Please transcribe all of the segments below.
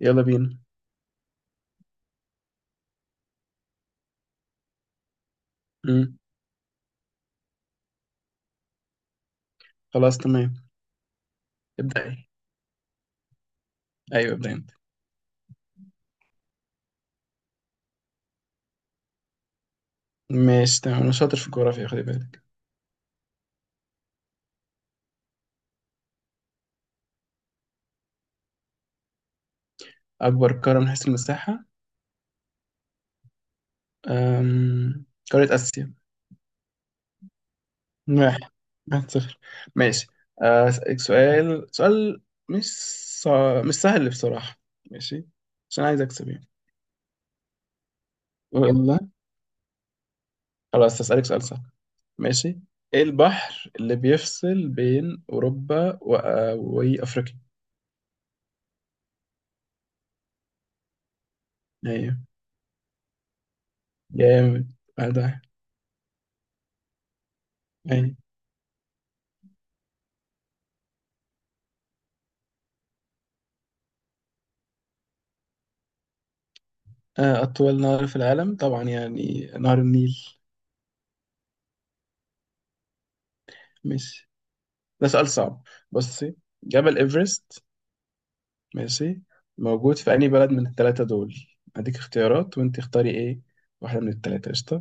يلا بينا. مم. خلاص تمام. ابدأي. ايوه ابدأ انت. ماشي تمام، انا شاطر في الجغرافيا خلي بالك. اكبر قارة من حيث المساحة؟ أم... قارة اسيا. واحد، واحد صفر. ماشي، اسالك سؤال مش مش سهل بصراحة. ماشي، عشان عايز اكسب يعني. والله خلاص هسألك سؤال سهل. ماشي، ايه البحر اللي بيفصل بين وافريقيا؟ ايوه. جامد. واحد واحد. أيوة. أطول نهر في العالم طبعا يعني نهر النيل. ماشي، ده سؤال صعب. بصي، جبل إيفرست ماشي موجود في أي بلد من التلاتة دول؟ هديك اختيارات وأنت اختاري إيه واحدة من التلاتة، قشطة.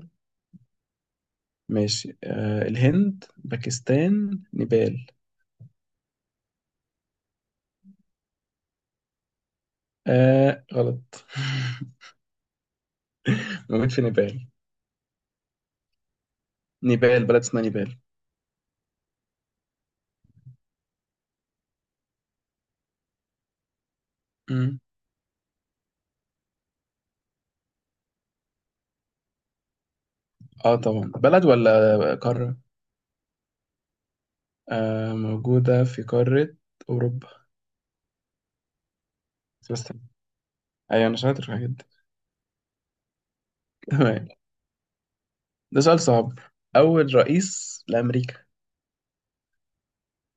ماشي، الهند، باكستان، نيبال. آه غلط. موجود في نيبال، نيبال بلد اسمها نيبال. مم. اه طبعا، بلد ولا قارة؟ آه موجودة في قارة أوروبا. بس أيوة، أنا شاطر في الحاجات دي. تمام، ده سؤال صعب. أول رئيس لأمريكا،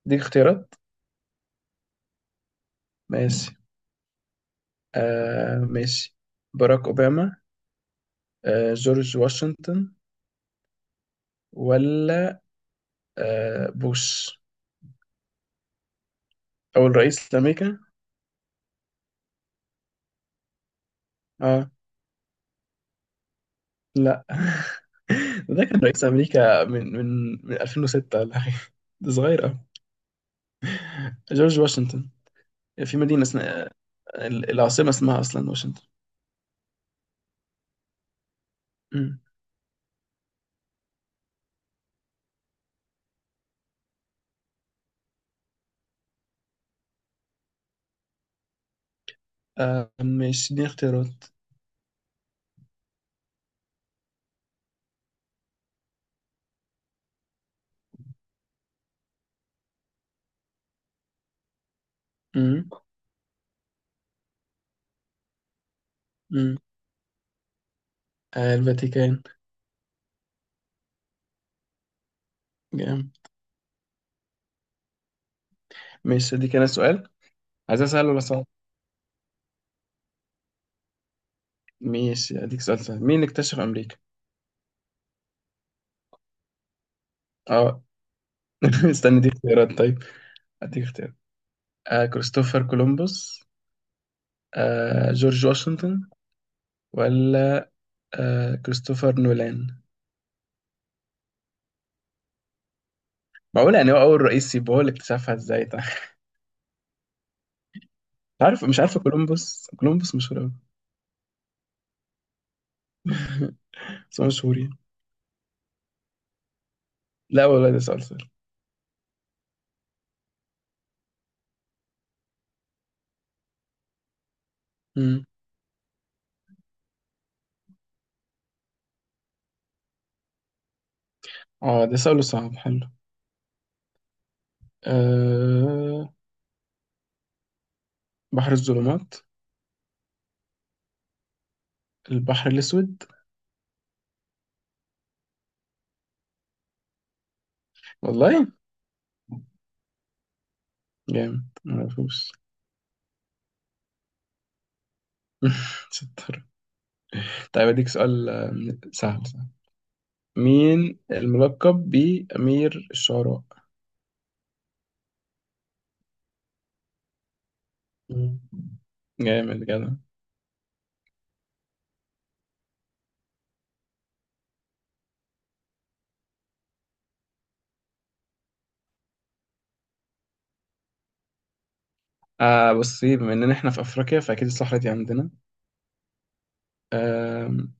دي اختيارات. ماشي، ماشي، باراك أوباما، جورج واشنطن، ولا بوش؟ أول رئيس لأمريكا. اه. لا. ده كان رئيس أمريكا من 2006 ولا حاجة، ده صغير أوي. جورج واشنطن، في مدينة اسمها العاصمة اسمها أصلا واشنطن. مم. آه ماشي، دي اختيارات. مم. مم. آه، الفاتيكان. جامد. ماشي، دي كان السؤال. عايز اساله مثلا. ماشي اديك سؤال سهل، مين اللي اكتشف امريكا؟ اه. استنى دي اختيارات طيب، اديك اختيارات. كريستوفر كولومبوس، جورج واشنطن، ولا كريستوفر نولان؟ معقول يعني هو اول رئيس يبقى هو اللي اكتشفها، ازاي طيب. عارف مش عارف، كولومبوس مشهور قوي. بس هو مشهور يعني. لا والله ده سؤال سهل. مم. اه ده سؤال صعب حلو. آه بحر الظلمات، البحر الاسود. والله. جامد معرفوش. ستة. طيب أديك سؤال سهل سهل. مين الملقب بأمير الشعراء؟ مم. جامد جدع. آه بصي، بما إننا إحنا في أفريقيا فأكيد الصحراء دي عندنا. آم،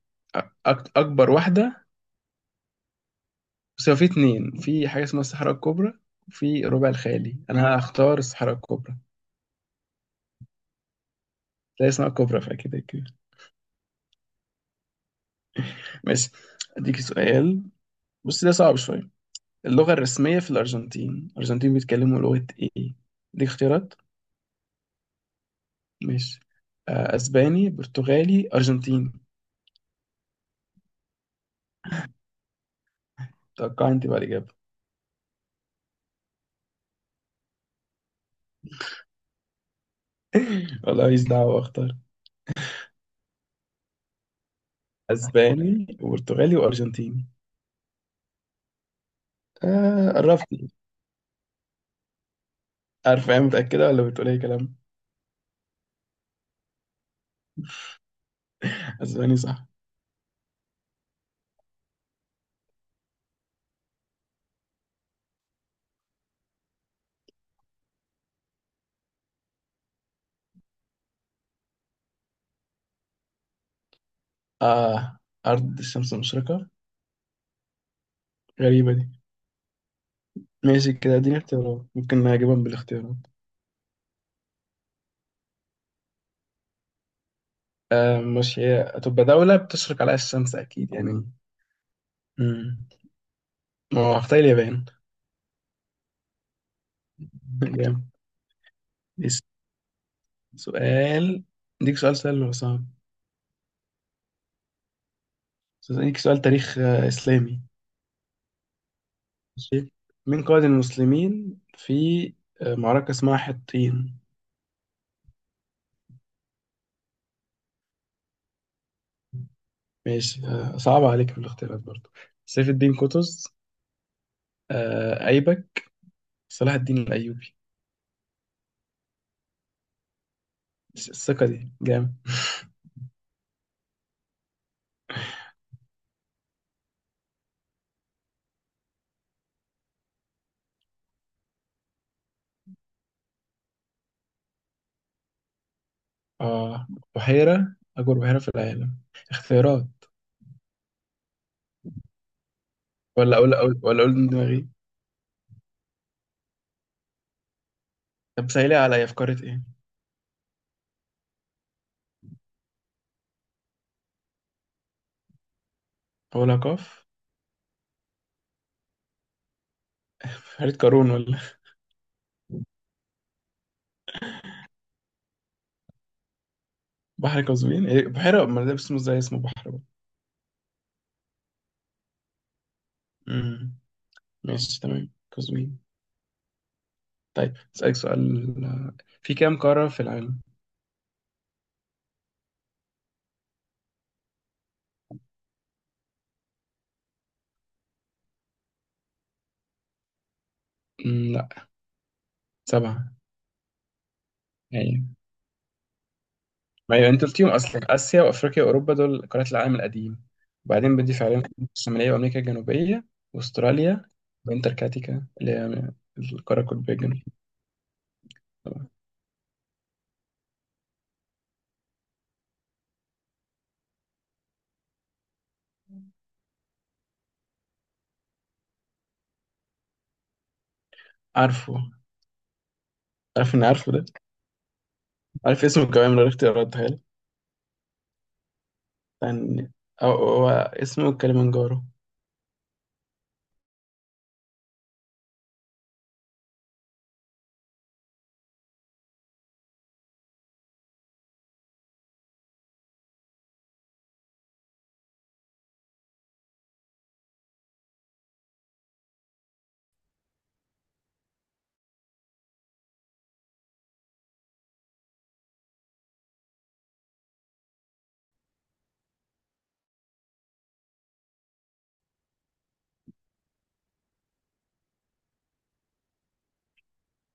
أكبر واحدة. بس هو في اتنين، في حاجة اسمها الصحراء الكبرى وفي ربع الخالي، أنا هختار الصحراء الكبرى. لا اسمها الكبرى فأكيد كده. ماشي، أديك سؤال، بص ده صعب شوية. اللغة الرسمية في الأرجنتين، الأرجنتين بيتكلموا لغة إيه؟ أديك اختيارات. ماشي، اسباني، برتغالي، ارجنتيني. توقع انت بقى الاجابه. والله ماليش دعوه، اختار. اسباني وبرتغالي وارجنتيني. آه قربت. عارفه ايه، متاكده ولا بتقول اي كلام؟ اسباني صح. اه، ارض الشمس المشرقه، غريبه دي. ماشي كده اديني اختيارات، ممكن نجيبهم بالاختيارات. آه مش هي هتبقى دوله بتشرق عليها الشمس اكيد يعني. مم. ما هو هختار اليابان. جامد. بس سؤال، اديك سؤال سهل ولا صعب؟ أسألك سؤال تاريخ إسلامي. ماشي، مين قائد المسلمين في معركة اسمها حطين؟ ماشي صعب عليك، في الاختيارات برضو سيف الدين قطز، أيبك، صلاح الدين الأيوبي. الثقة دي جامد. آه بحيرة، أكبر بحيرة في العالم، اختيارات ولا أقول من دماغي؟ طب سهلي عليا، في قارة إيه؟ أقولها قاف. بحيرة قارون، ولا بحر قزوين؟ إيه، بحيرة ما ده اسمه زي اسمه بحر بقى. مم. ماشي تمام، قزوين. طيب أسألك سؤال، في كام قارة في العالم؟ مم، لا، سبعة. يعني ما هي أنت قلتيهم أصلا، آسيا وأفريقيا وأوروبا دول قارات العالم القديم، وبعدين بضيف عليهم أمريكا الشمالية وأمريكا الجنوبية وأستراليا وأنتاركتيكا اللي هي القارة القطبية الجنوبية. طبعا. عارفه. عارف إني عارفه ده. عارف اسمه كمان من غير اختيارات تخيل. يعني هو اسمه كليمنجارو.